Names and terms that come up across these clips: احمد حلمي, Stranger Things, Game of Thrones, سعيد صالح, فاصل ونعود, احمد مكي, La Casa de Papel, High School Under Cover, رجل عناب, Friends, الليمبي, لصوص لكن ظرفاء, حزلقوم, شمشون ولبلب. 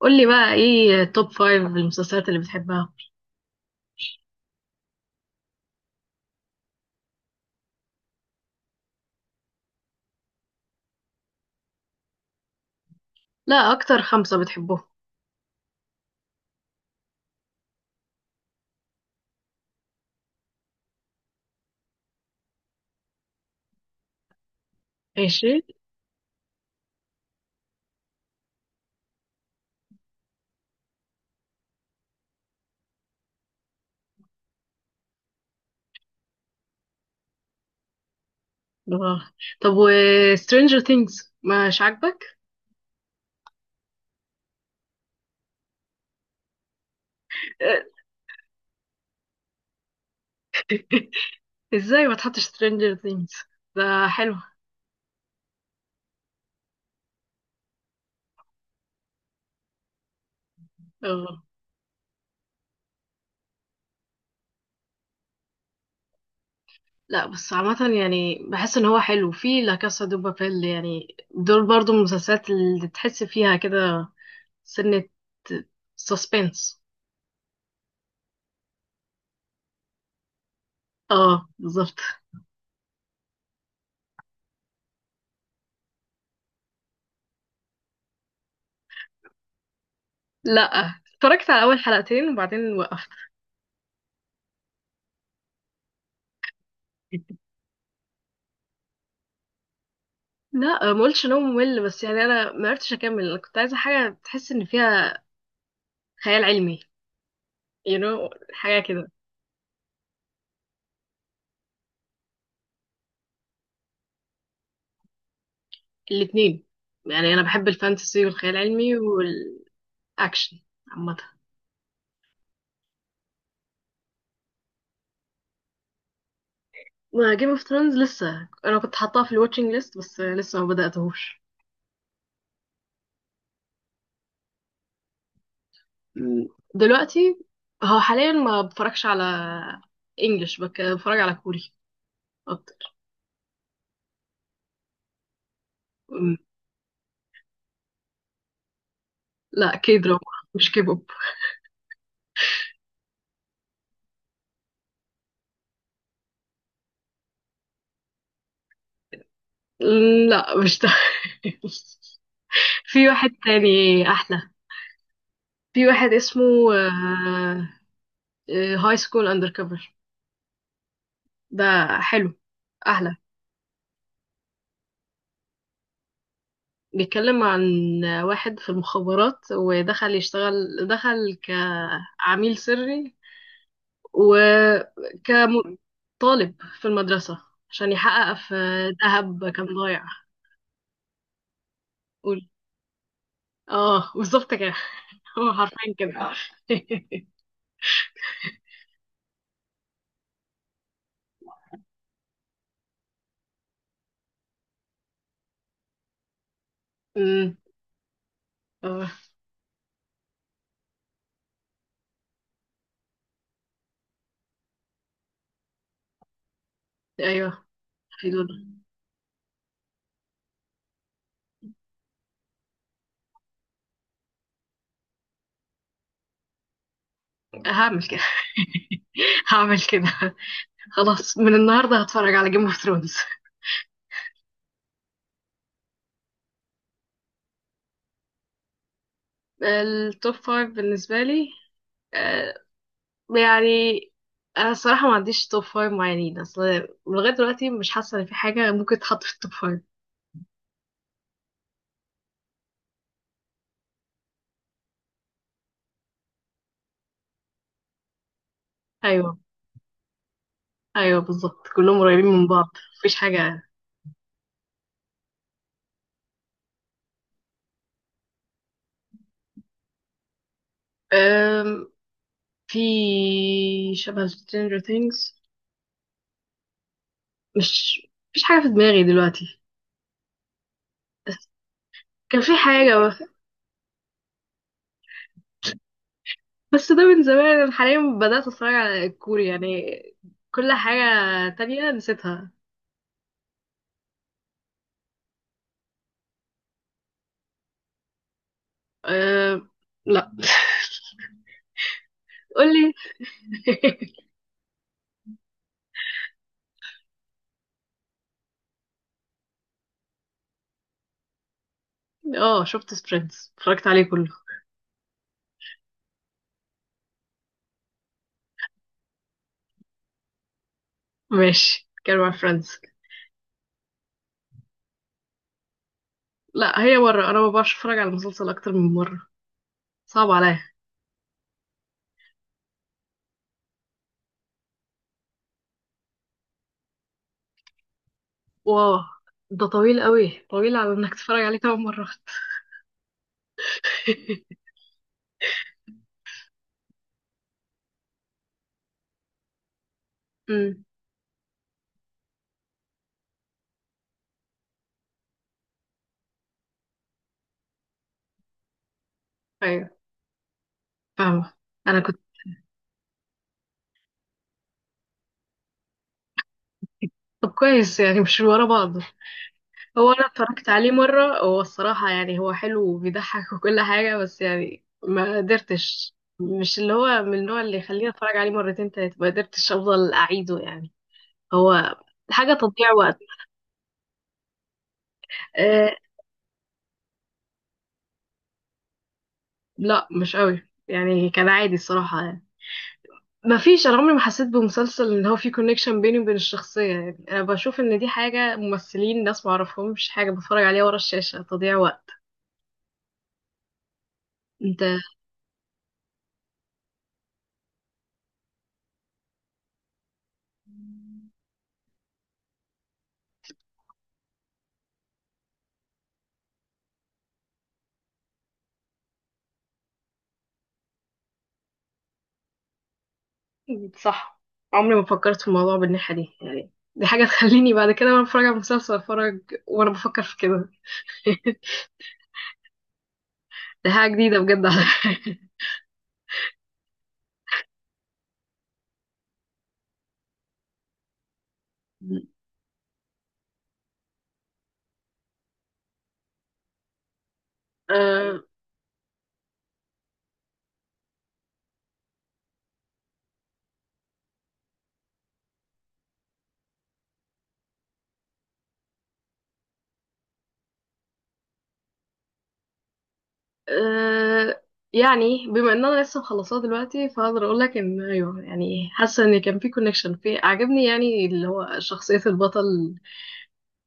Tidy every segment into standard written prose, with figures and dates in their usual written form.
قولي بقى ايه توب فايف المسلسلات اللي بتحبها؟ لا، اكتر خمسة بتحبهم. ماشي. آه. طب، و Stranger Things مش عاجبك؟ ازاي ما تحطش Stranger Things؟ ده حلو. آه. لا، بس عامة يعني بحس ان هو حلو. في لا كاسا دو بابيل، يعني دول برضو من المسلسلات اللي تحس فيها كده سنة سسبنس. اه بالظبط. لا، اتفرجت على اول حلقتين وبعدين وقفت. لا، ما قلتش ان هو ممل، بس يعني انا ما عرفتش اكمل. انا كنت عايزه حاجه تحس ان فيها خيال علمي، حاجه كده. الاتنين، يعني انا بحب الفانتسي والخيال العلمي والاكشن عامه. ما جيم اوف ثرونز لسه، انا كنت حاطاه في الواتشنج ليست بس لسه ما بداتهوش. م. دلوقتي. هو حاليا ما بتفرجش على انجلش، بتفرج على كوري اكتر. م. لا، كي دراما. مش كيبوب. لا، مش ده. في واحد تاني احلى. في واحد اسمه هاي سكول اندر كفر. ده حلو، احلى. بيتكلم عن واحد في المخابرات، ودخل يشتغل، دخل كعميل سري وكطالب في المدرسة عشان يحقق في ذهب كان ضايع. قول. اه بالظبط كده. هو حرفيا كده. أمم، اه ايوه. حلو ده. هعمل كده. هعمل كده. خلاص، من النهارده هتفرج على جيم اوف ثرونز. التوب فايف بالنسبه لي، آه، يعني انا الصراحه ما عنديش توب فايف معينين اصل. لغايه دلوقتي مش حاسه ان في حاجه ممكن تتحط في التوب فايف. ايوه، ايوه بالظبط، كلهم قريبين من بعض، مفيش حاجه. أم في شبه Stranger Things، مش مش حاجه في دماغي دلوقتي. بس كان في حاجه، بس ده من زمان. أنا حاليا بدات اتفرج على الكوري يعني كل حاجه تانية نسيتها. أه... لا، قول لي. اه، شفت فريندز، اتفرجت عليه كله. ماشي، كان مع فريندز. لا، هي مرة. انا ما بعرفش اتفرج على مسلسل اكتر من مرة، صعب عليا. واو. ده طويل قوي، طويل على انك تتفرج عليه كمان مرة. امم، ايوه فاهمة. انا كنت. طب كويس يعني مش ورا بعض. هو انا اتفرجت عليه مره، هو الصراحه يعني هو حلو وبيضحك وكل حاجه، بس يعني ما قدرتش، مش اللي هو من النوع اللي يخليني اتفرج عليه مرتين تلاته، ما قدرتش افضل اعيده يعني. هو حاجه تضييع وقت. أه. لا، مش قوي يعني، كان عادي الصراحه يعني. ما فيش، انا عمري ما حسيت بمسلسل ان هو في كونكشن بيني وبين الشخصيه، يعني انا بشوف ان دي حاجه ممثلين، ناس ما اعرفهمش، حاجه بتفرج عليها ورا الشاشه، تضييع وقت. انت. صح، عمري ما فكرت في الموضوع بالناحية دي يعني. دي حاجة تخليني بعد كده وانا بتفرج على المسلسل اتفرج وانا بفكر في كده. دي حاجة جديدة بجد على. آه آه يعني بما ان انا لسه مخلصاه دلوقتي فاقدر اقول لك ان ايوه يعني حاسه ان كان في كونكشن، في عجبني يعني اللي هو شخصيه البطل.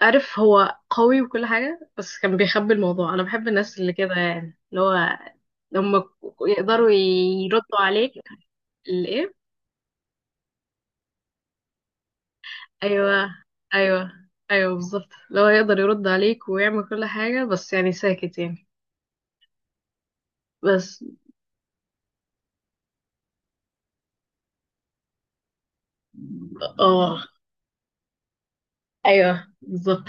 عارف هو قوي وكل حاجه بس كان بيخبي الموضوع. انا بحب الناس اللي كده، يعني اللي هو لما يقدروا يردوا عليك. الايه. ايوه، ايوه، ايوه بالظبط، لو هيقدر يرد عليك ويعمل كل حاجه بس يعني ساكت يعني. بس. اه، ايوه بالظبط.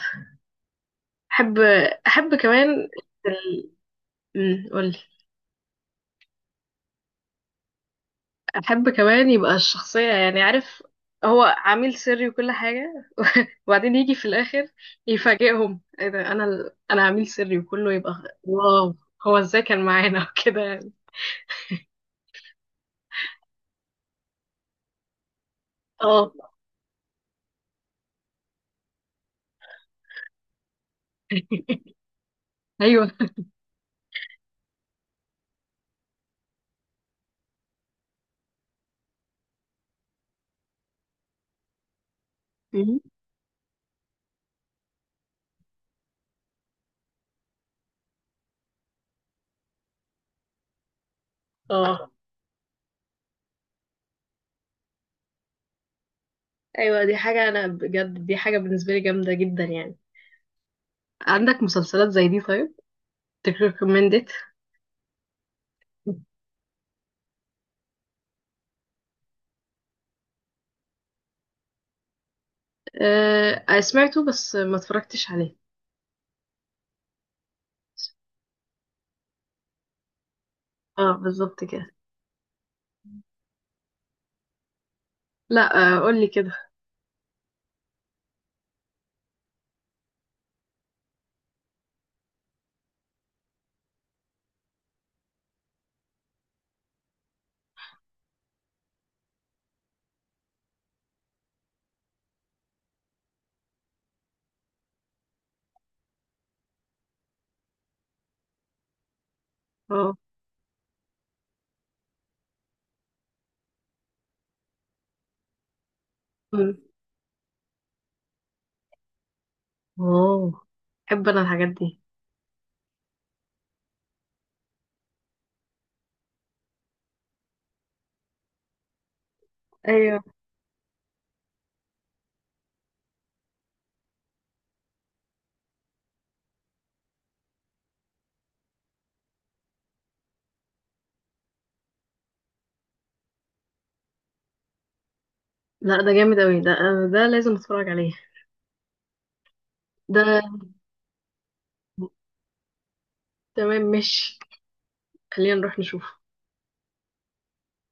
احب احب كمان ال... قولي. احب كمان يبقى الشخصيه يعني عارف، هو عميل سري وكل حاجه. وبعدين يجي في الاخر يفاجئهم ايه ده. انا عميل سري وكله يبقى واو. هو ازاي كان معانا كده يعني. اه ايوه. أمم، اه ايوه دي حاجه انا بجد، دي حاجه بالنسبه لي جامده جدا يعني. عندك مسلسلات زي دي طيب؟ تريكومندد؟ أه، سمعته بس ما اتفرجتش عليه. اه بالظبط كده. لا، قولي كده. اه. أمم. اوه، بحب انا الحاجات دي. ايوه. لا، ده جامد اوي، ده ده لازم اتفرج عليه. ده تمام، ماشي، خلينا نروح نشوف.